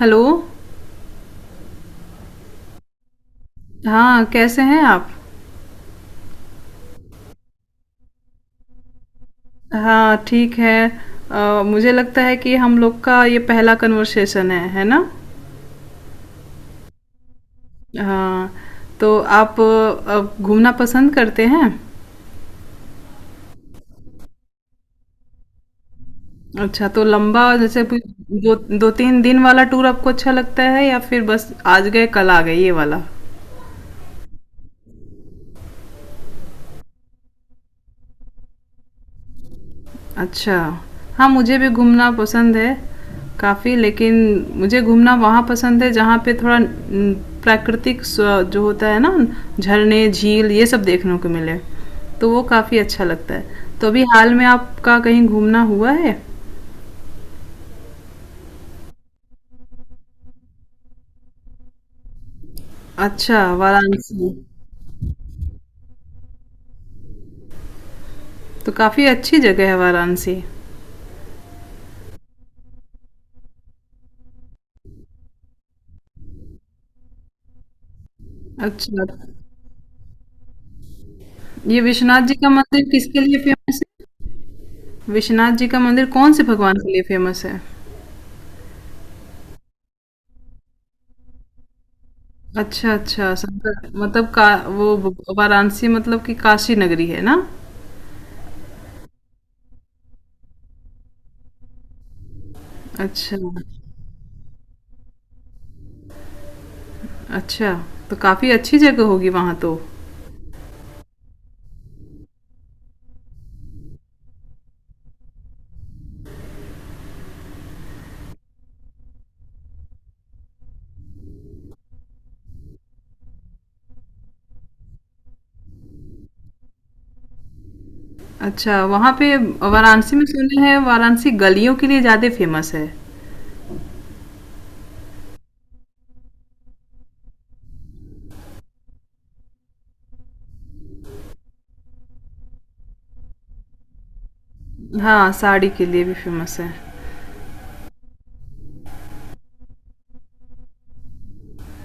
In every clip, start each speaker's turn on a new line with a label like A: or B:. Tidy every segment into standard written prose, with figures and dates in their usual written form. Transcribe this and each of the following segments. A: Hello. हाँ, कैसे हैं आप? हाँ, ठीक है। मुझे लगता है कि हम लोग का ये पहला कन्वर्सेशन है ना? हाँ। तो आप घूमना पसंद करते हैं? अच्छा, तो लंबा जैसे कोई दो दो तीन दिन वाला टूर आपको अच्छा लगता है या फिर बस आज गए कल आ गए ये वाला? अच्छा। हाँ, मुझे भी घूमना पसंद है काफ़ी, लेकिन मुझे घूमना वहाँ पसंद है जहाँ पे थोड़ा न, प्राकृतिक जो होता है ना, झरने, झील, ये सब देखने को मिले, तो वो काफ़ी अच्छा लगता है। तो अभी हाल में आपका कहीं घूमना हुआ है? अच्छा, वाराणसी। तो काफ़ी अच्छी जगह है वाराणसी। अच्छा, ये विश्वनाथ जी का मंदिर किसके लिए फेमस है? विश्वनाथ जी का मंदिर कौन से भगवान के लिए फेमस है? अच्छा, अच्छा, संकर मतलब का वो ब वाराणसी मतलब कि काशी नगरी है ना? अच्छा, अच्छा, तो काफ़ी अच्छी जगह होगी वहाँ तो। अच्छा, वहाँ पे वाराणसी में सुने हैं वाराणसी गलियों के लिए ज़्यादा फेमस है। हाँ, साड़ी के लिए भी फेमस है।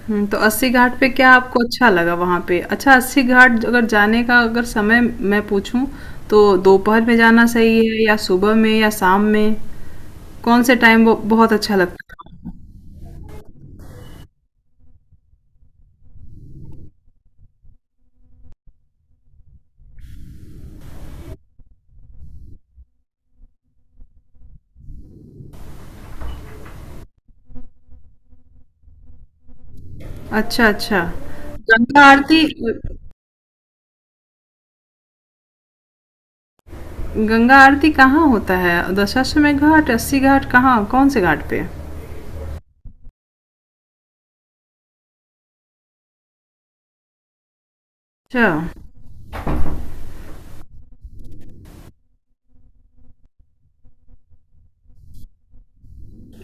A: हुँ, तो अस्सी घाट पे क्या आपको अच्छा लगा वहाँ पे? अच्छा, अस्सी घाट अगर जाने का अगर समय मैं पूछूँ तो दोपहर में जाना सही है या सुबह में या शाम में? कौन से टाइम ब बहुत अच्छा लगता है? अच्छा, अच्छा। गंगा आरती। अ, गंगा आरती कहाँ होता है? दशाश्वमेध घाट, अस्सी घाट, कहाँ कौन-से घाट पे? अच्छा,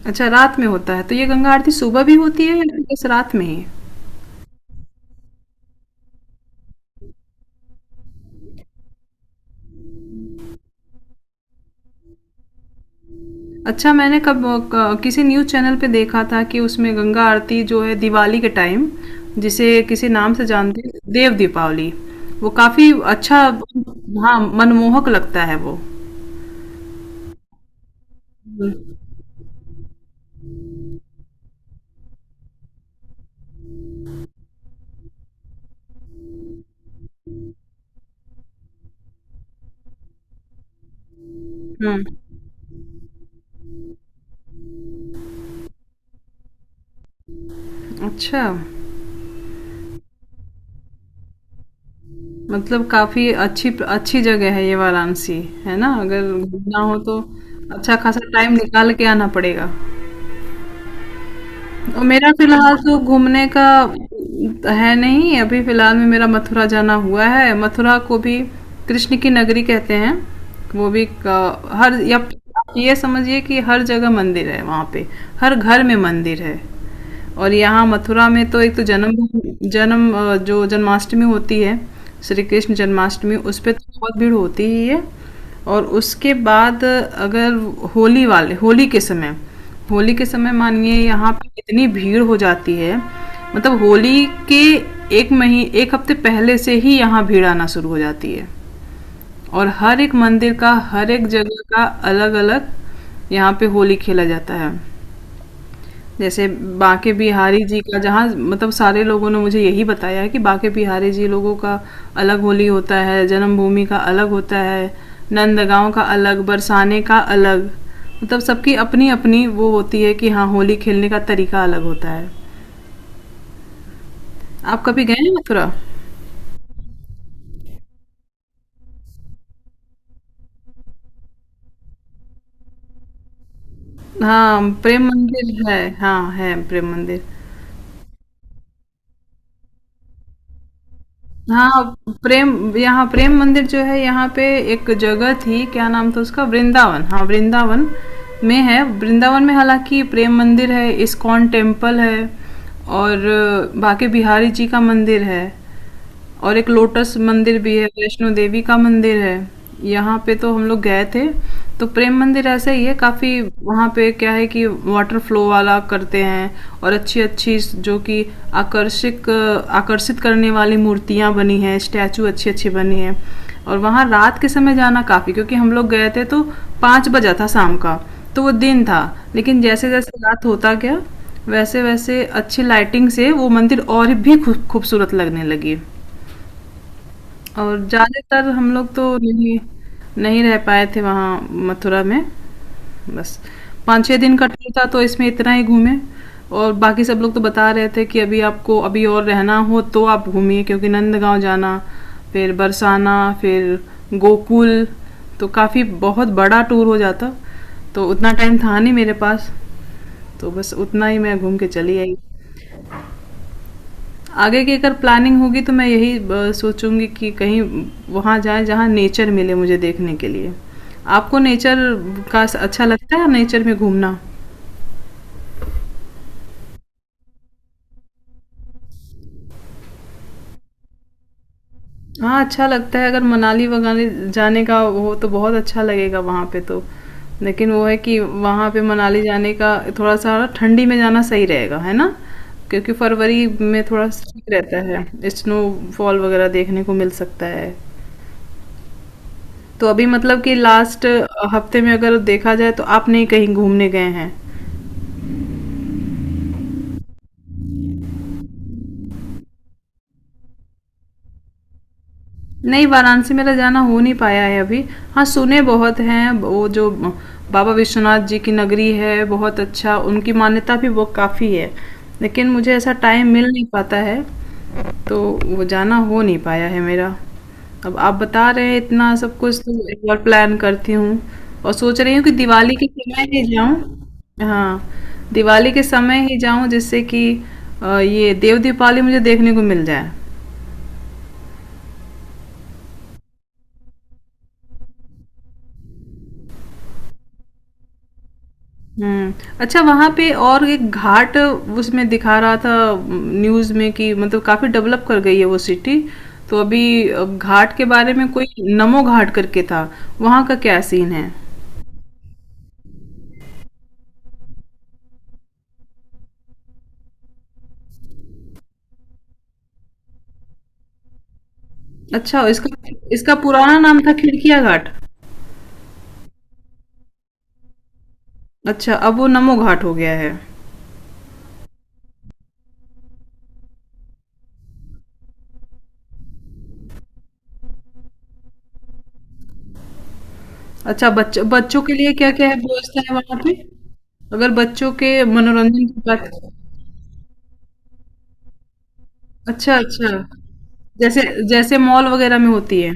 A: अच्छा, रात में होता है। तो ये गंगा आरती सुबह भी होती है या बस रात में ही? अच्छा, मैंने कब क किसी न्यूज़ चैनल पे देखा था कि उसमें गंगा आरती जो है दिवाली के टाइम, जिसे किसी नाम से जानते हैं देव दीपावली, वो काफ़ी अच्छा, हाँ, मनमोहक लगता है वो। हुँ, अच्छा। मतलब काफ़ी अच्छी अच्छी जगह है ये वाराणसी, है ना? अगर घूमना हो तो अच्छा खासा टाइम निकाल के आना पड़ेगा। और मेरा फिलहाल तो घूमने का है नहीं, अभी फिलहाल में मेरा मथुरा जाना हुआ है। मथुरा को भी कृष्ण की नगरी कहते हैं। वो भी क हर या आप ये समझिए कि हर जगह मंदिर है वहाँ पे, हर घर में मंदिर है। और यहाँ मथुरा में तो एक तो जन्म जन्म अ, जो जन्माष्टमी होती है, श्री कृष्ण जन्माष्टमी उस पे तो बहुत भीड़ होती ही है। और उसके बाद अगर होली के समय, होली के समय मानिए यहाँ पे इतनी भीड़ हो जाती है, मतलब होली के एक मही एक हफ्ते पहले से ही यहाँ भीड़ आना शुरू हो जाती है। और हर एक मंदिर का, हर एक जगह का अलग अलग यहाँ पे होली खेला जाता है। जैसे बांके बिहारी जी का जहाँ मतलब सारे लोगों ने मुझे यही बताया है कि बांके बिहारी जी लोगों का अलग होली होता है, जन्मभूमि का अलग होता है, नंदगांव का अलग, बरसाने का अलग। मतलब सबकी अपनी-अपनी वो होती है कि हाँ, होली खेलने का तरीका अलग होता है। आप कभी गए हैं मथुरा? हाँ, प्रेम मंदिर है। हाँ, है प्रेम मंदिर। हाँ प्रेम यहाँ प्रेम मंदिर जो है, यहाँ पे एक जगह थी क्या नाम था उसका, वृंदावन, हाँ वृंदावन में है, वृंदावन में हालांकि प्रेम मंदिर है, इस्कॉन टेम्पल है, और बाके बिहारी जी का मंदिर है, और एक लोटस मंदिर भी है, वैष्णो देवी का मंदिर है। यहाँ पे तो हम लोग गए थे, तो प्रेम मंदिर ऐसा ही है, काफ़ी वहाँ पे क्या है कि वाटर फ्लो वाला करते हैं, और अच्छी अच्छी जो कि आकर्षक, आकर्षित करने वाली मूर्तियाँ बनी हैं, स्टैचू अच्छी अच्छी बनी हैं। और वहाँ रात के समय जाना काफ़ी, क्योंकि हम लोग गए थे तो पाँच बजा था शाम का, तो वो दिन था, लेकिन जैसे जैसे रात होता गया, वैसे वैसे अच्छी लाइटिंग से वो मंदिर और भी खूबसूरत लगने लगी। और ज़्यादातर हम लोग तो नहीं नहीं रह पाए थे वहाँ मथुरा में, बस पाँच छः दिन का ट्रिप था, तो इसमें इतना ही घूमे। और बाकी सब लोग तो बता रहे थे कि अभी आपको अभी और रहना हो तो आप घूमिए, क्योंकि नंदगांव जाना, फिर बरसाना, फिर गोकुल, तो काफ़ी बहुत बड़ा टूर हो जाता, तो उतना टाइम था नहीं मेरे पास, तो बस उतना ही मैं घूम के चली आई। आगे की अगर प्लानिंग होगी तो मैं यही सोचूंगी कि कहीं वहाँ जाएं जहाँ नेचर मिले मुझे देखने के लिए। आपको नेचर का अच्छा लगता है, नेचर में घूमना? हाँ, अच्छा लगता है, अगर मनाली वगाने जाने का हो तो बहुत अच्छा लगेगा वहाँ पे तो। लेकिन वो है कि वहाँ पे मनाली जाने का थोड़ा-सा ठंडी में जाना सही रहेगा, है ना? क्योंकि फरवरी में थोड़ा स ठीक रहता है, स्नोफॉल वगैरह देखने को मिल सकता है। तो अभी मतलब कि लास्ट हफ्ते में अगर देखा जाए तो आप नहीं कहीं घूमने गए हैं? नहीं, वाराणसी मेरा जाना हो नहीं पाया है अभी। हाँ, सुने बहुत हैं वो जो बाबा विश्वनाथ जी की नगरी है, बहुत अच्छा उनकी मान्यता भी वो काफ़ी है, लेकिन मुझे ऐसा टाइम मिल नहीं पाता है, तो वो जाना हो नहीं पाया है मेरा। अब आप बता रहे हैं इतना सब कुछ तो एक बार प्लान करती हूँ, और सोच रही हूँ कि दिवाली के समय ही जाऊँ। हाँ, दिवाली के समय ही जाऊँ जिससे कि ये देव दीपावली मुझे देखने को मिल जाए। हुँ। अच्छा, वहाँ पे और एक घाट उसमें दिखा रहा था न्यूज़ में कि मतलब काफ़ी डेवलप कर गई है वो सिटी। तो अभी घाट के बारे में कोई नमो घाट करके था, वहाँ का क्या सीन है? अच्छा इसका इसका पुराना नाम था खिड़किया घाट? अच्छा, अब वो नमो घाट हो गया है। अच्छा, बच्चों के लिए क्या-क्या है, व्यवस्था है वहाँ पे? अगर बच्चों के मनोरंजन की बात, अच्छा, अच्छा। जैसे, जैसे मॉल वगैरह में होती है।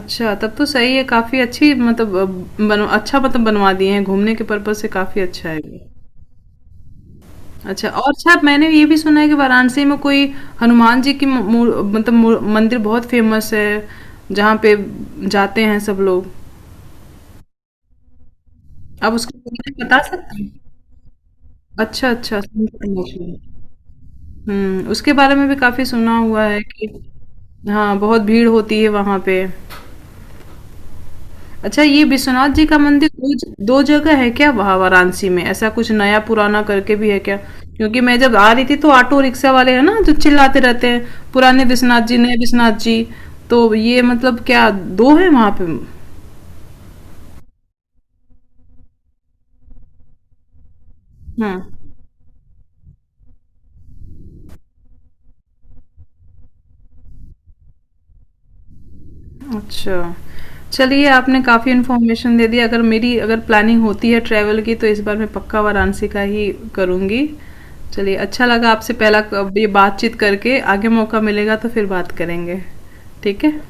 A: अच्छा, तब तो सही है, काफ़ी अच्छी मतलब अ, बन अच्छा मतलब बनवा दिए हैं, घूमने के पर्पज़ से काफ़ी अच्छा है ये। अच्छा और अच्छा मैंने ये भी सुना है कि वाराणसी में कोई हनुमान जी की म मू मूर- मतलब मू मंदिर बहुत फ़ेमस है, जहाँ पे जाते हैं सब लोग। आप उसके बारे में बता सकते हैं? अच्छा, अच्छा। हुँ, उसके बारे में भी काफ़ी सुना हुआ है कि हाँ, बहुत भीड़ होती है वहाँ पे। अच्छा, ये विश्वनाथ जी का मंदिर दो ज 2 जगह है क्या वहाँ वाराणसी में? ऐसा कुछ नया-पुराना करके भी है क्या? क्योंकि मैं जब आ रही थी तो ऑटो रिक्शा वाले हैं ना जो चिल्लाते रहते हैं, पुराने विश्वनाथ जी, नए विश्वनाथ जी। तो ये मतलब क्या 2 हैं वहाँ पे? हुँ। अच्छा। चलिए, आपने काफ़ी इन्फॉर्मेशन दे दी, अगर मेरी अगर प्लानिंग होती है ट्रैवल की तो इस बार मैं पक्का वाराणसी का ही करूँगी। चलिए, अच्छा लगा आपसे पहला क ये बातचीत करके, आगे मौका मिलेगा तो फिर बात करेंगे। ठीक है?